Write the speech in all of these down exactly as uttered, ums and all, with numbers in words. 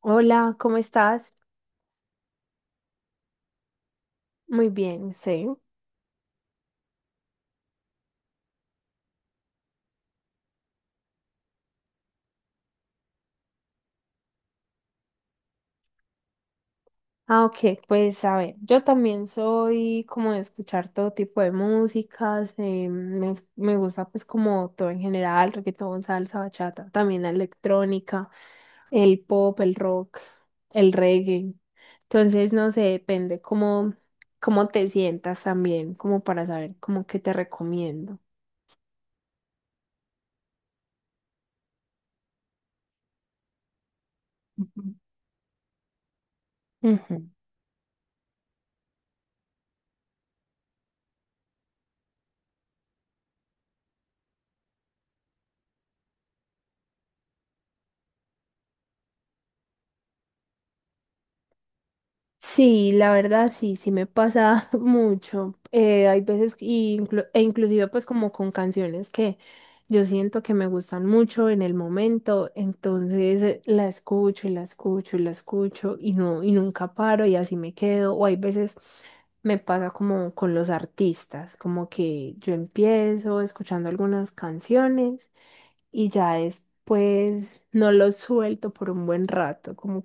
Hola, ¿cómo estás? Muy bien, sí. Ah, ok, pues a ver, yo también soy como de escuchar todo tipo de músicas, eh, me, es- me gusta pues como todo en general, reggaetón, salsa, bachata, también la electrónica, el pop, el rock, el reggae. Entonces, no sé, depende cómo, cómo te sientas también, como para saber cómo que te recomiendo. Ujú. Sí, la verdad sí, sí me pasa mucho. Eh, hay veces y inclu- e inclusive pues como con canciones que yo siento que me gustan mucho en el momento, entonces eh, la escucho y la escucho y la escucho y no y nunca paro y así me quedo. O hay veces me pasa como con los artistas, como que yo empiezo escuchando algunas canciones y ya después no los suelto por un buen rato, como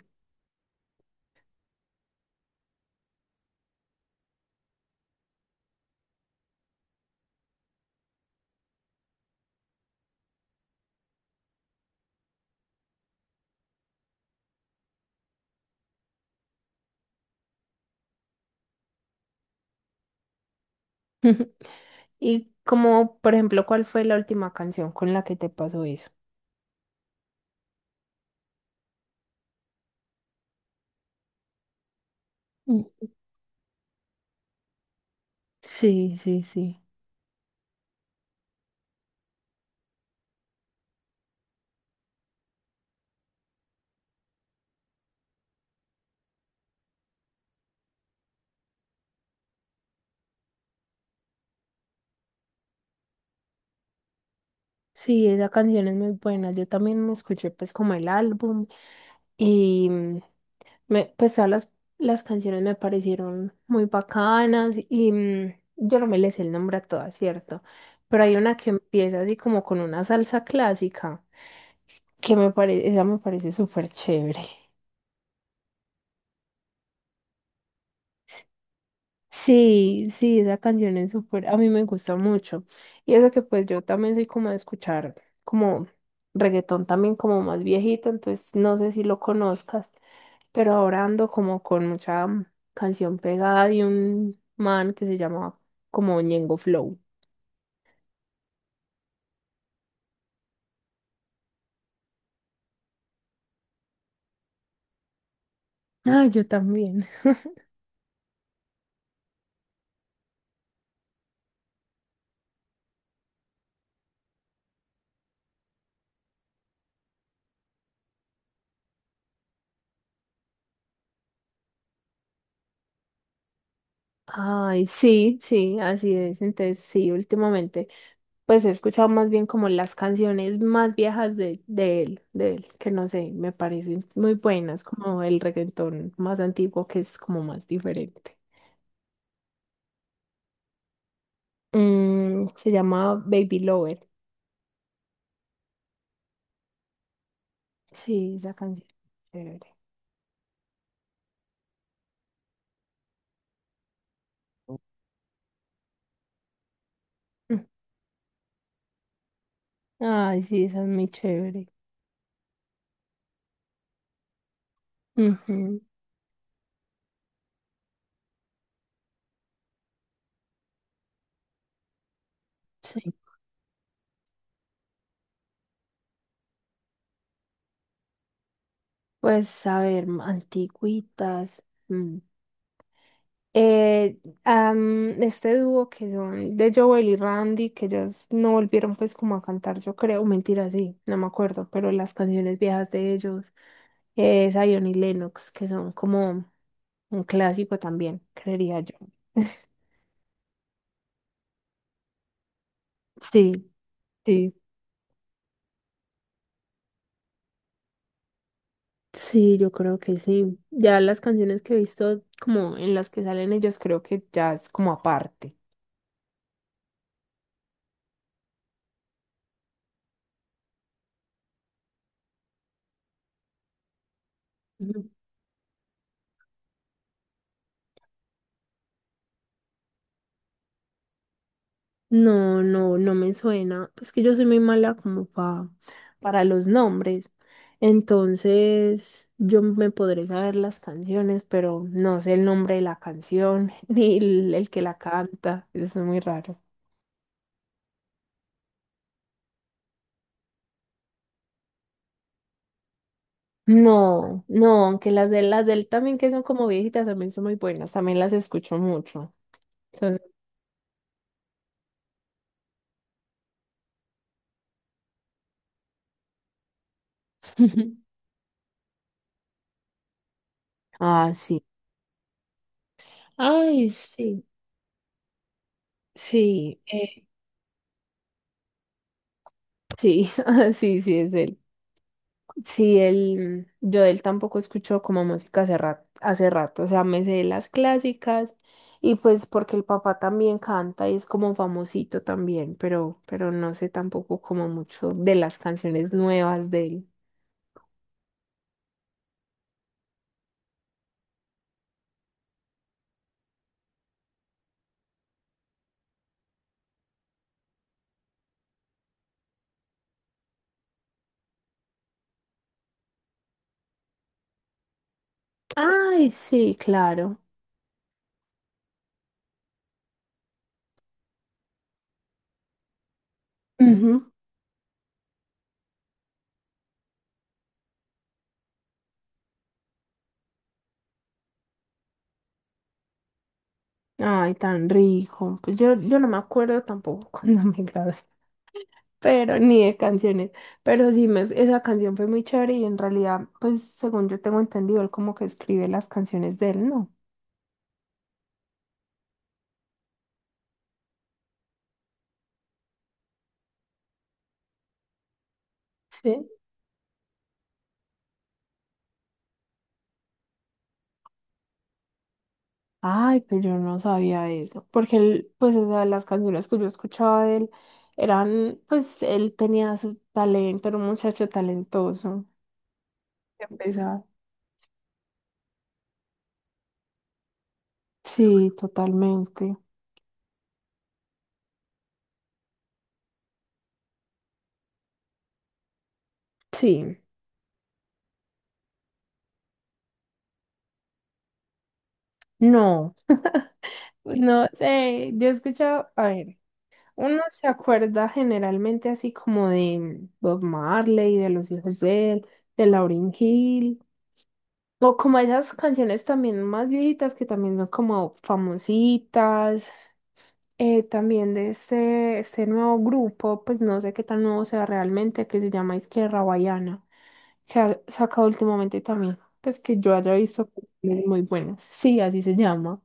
Y como, por ejemplo, ¿cuál fue la última canción con la que te pasó eso? Mm, Sí, sí, sí. Sí, esa canción es muy buena. Yo también me escuché pues como el álbum y mm, me, pues todas las, las canciones me parecieron muy bacanas y mm, yo no me les sé el nombre a todas, ¿cierto? Pero hay una que empieza así como con una salsa clásica que me parece, esa me parece súper chévere. Sí, sí, esa canción es súper, a mí me gusta mucho. Y eso que pues yo también soy como de escuchar como reggaetón también como más viejito, entonces no sé si lo conozcas, pero ahora ando como con mucha mm, canción pegada de un man que se llama como Ñengo Flow. Ah, yo también. Ay, sí, sí, así es. Entonces, sí, últimamente, pues he escuchado más bien como las canciones más viejas de, de él, de él, que no sé, me parecen muy buenas, como el reggaetón más antiguo, que es como más diferente. Mm, se llama Baby Lover. Sí, esa canción. Chévere. Mm. Ay, sí, esa es muy chévere. Ujú, sí. Pues, a ver, antiguitas. Mm. Eh, am, este dúo que son de Joel y Randy, que ellos no volvieron pues como a cantar, yo creo, mentira, sí, no me acuerdo, pero las canciones viejas de ellos, eh, Zion y Lennox, que son como un clásico también, creería yo. Sí, sí, sí, yo creo que sí. Ya las canciones que he visto como en las que salen ellos, creo que ya es como aparte. No, no, no me suena. Es que yo soy muy mala como pa, para los nombres. Entonces, yo me podré saber las canciones, pero no sé el nombre de la canción ni el, el que la canta. Eso es muy raro. No, no, aunque las de las del también que son como viejitas también son muy buenas, también las escucho mucho. Entonces, ah, sí. Ay, sí, sí, eh, sí, ah, sí, sí es él. Sí, él, yo de él tampoco escucho como música hace rato, hace rato, o sea, me sé las clásicas y pues porque el papá también canta y es como famosito también, pero, pero no sé tampoco como mucho de las canciones nuevas de él. Ay, sí, claro. Ujú. Ay, tan rico. Pues yo, yo no me acuerdo tampoco cuando me gradué, pero ni de canciones. Pero sí, me, esa canción fue muy chévere y en realidad, pues según yo tengo entendido, él como que escribe las canciones de él, ¿no? Sí. Ay, pero yo no sabía eso. Porque él, pues, o sea, las canciones que yo escuchaba de él eran, pues, él tenía su talento, era un muchacho talentoso. Qué pesar. Sí, totalmente. Sí. No, pues, no sé. Yo he escuchado, a ver, uno se acuerda generalmente así como de Bob Marley, de los hijos de él, de Lauryn Hill. O como esas canciones también más viejitas que también son como famositas. Eh, también de este, este nuevo grupo, pues no sé qué tan nuevo sea realmente, que se llama Izquierda Guayana, que ha sacado últimamente también, pues que yo haya visto canciones muy buenas. Sí, así se llama.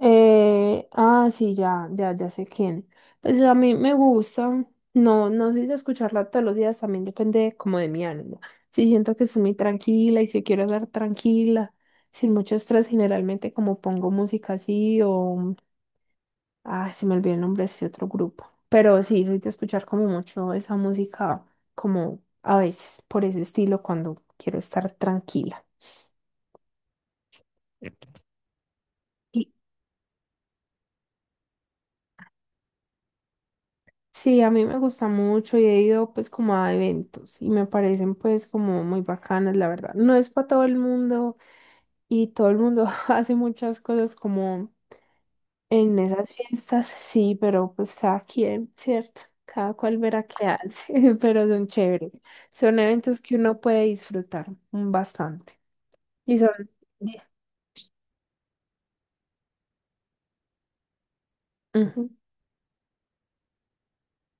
Eh, ah, sí, ya, ya, ya sé quién. Pues a mí me gusta, no, no sé si escucharla todos los días, también depende como de mi ánimo. Si siento que estoy muy tranquila y que quiero estar tranquila, sin mucho estrés, generalmente como pongo música así o... Ay, se me olvidó el nombre de ese otro grupo. Pero sí, soy de escuchar como mucho esa música, como a veces por ese estilo cuando quiero estar tranquila. Y sí, a mí me gusta mucho y he ido pues como a eventos y me parecen pues como muy bacanas, la verdad. No es para todo el mundo y todo el mundo hace muchas cosas como En esas fiestas, sí, pero pues cada quien, ¿cierto? Cada cual verá qué hace, pero son chéveres. Son eventos que uno puede disfrutar bastante. Y son... Ujú,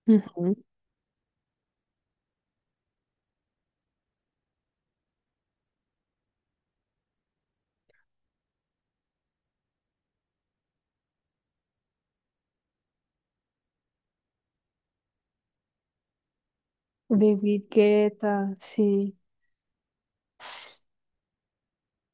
ujú. De Guiqueta, sí.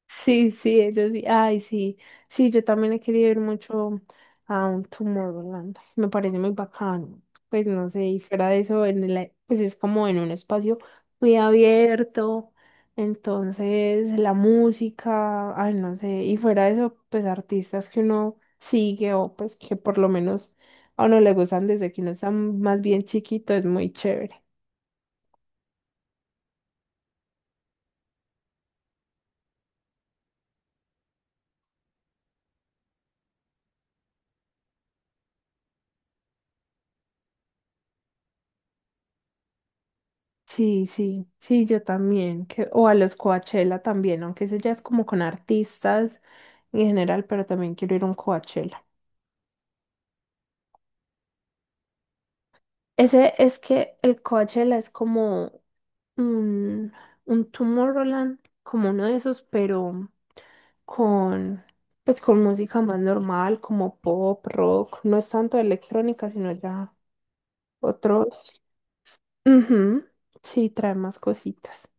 Sí, sí, eso sí. Ay, sí. Sí, yo también he querido ir mucho a un Tomorrowland. Me parece muy bacano. Pues no sé, y fuera de eso, en el, pues es como en un espacio muy abierto. Entonces, la música, ay, no sé. Y fuera de eso, pues artistas que uno sigue o pues que por lo menos a uno le gustan desde que uno está más bien chiquito, es muy chévere. Sí, sí, sí, yo también. Que, o a los Coachella también, aunque ese ya es como con artistas en general, pero también quiero ir a un Coachella. Ese es que el Coachella es como un, un Tomorrowland, como uno de esos, pero con, pues con música más normal, como pop, rock, no es tanto electrónica, sino ya otros. Ujú, sí, trae más cositas.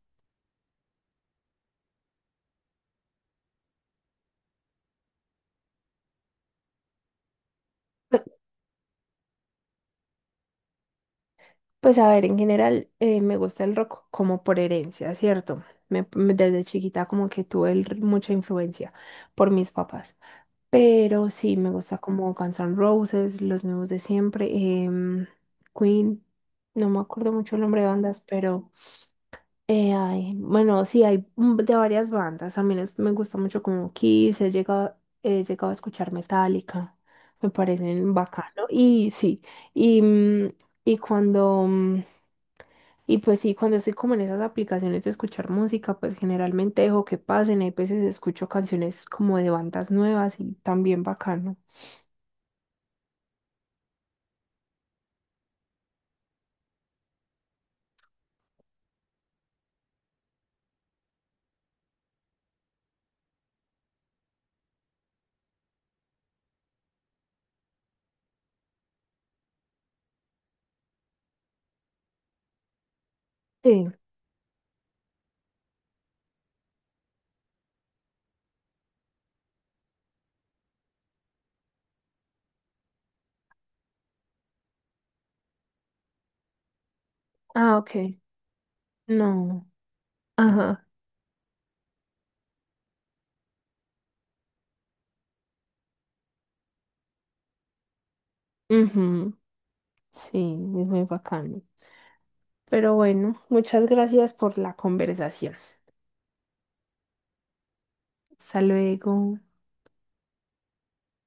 Pe- Pues a ver, en general eh, me gusta el rock como por herencia, ¿cierto? Me- me- desde chiquita como que tuve el- mucha influencia por mis papás. Pero sí, me gusta como Guns N' Roses, los nuevos de siempre. em, Queen, no me acuerdo mucho el nombre de bandas, pero eh, hay- bueno, sí, hay un- de varias bandas. A mí les- me gusta mucho como Kiss, he llegado, he llegado a escuchar Metallica, me parecen bacano. Y sí, y, mm, y cuando, mm, y pues sí, cuando estoy como en esas aplicaciones de escuchar música, pues generalmente dejo que pasen. Hay veces escucho canciones como de bandas nuevas y también bacano. Sí. Ah, ok. No. Ajá. Ujú. Sí, es muy bacano. Pero bueno, muchas gracias por la conversación. Hasta luego.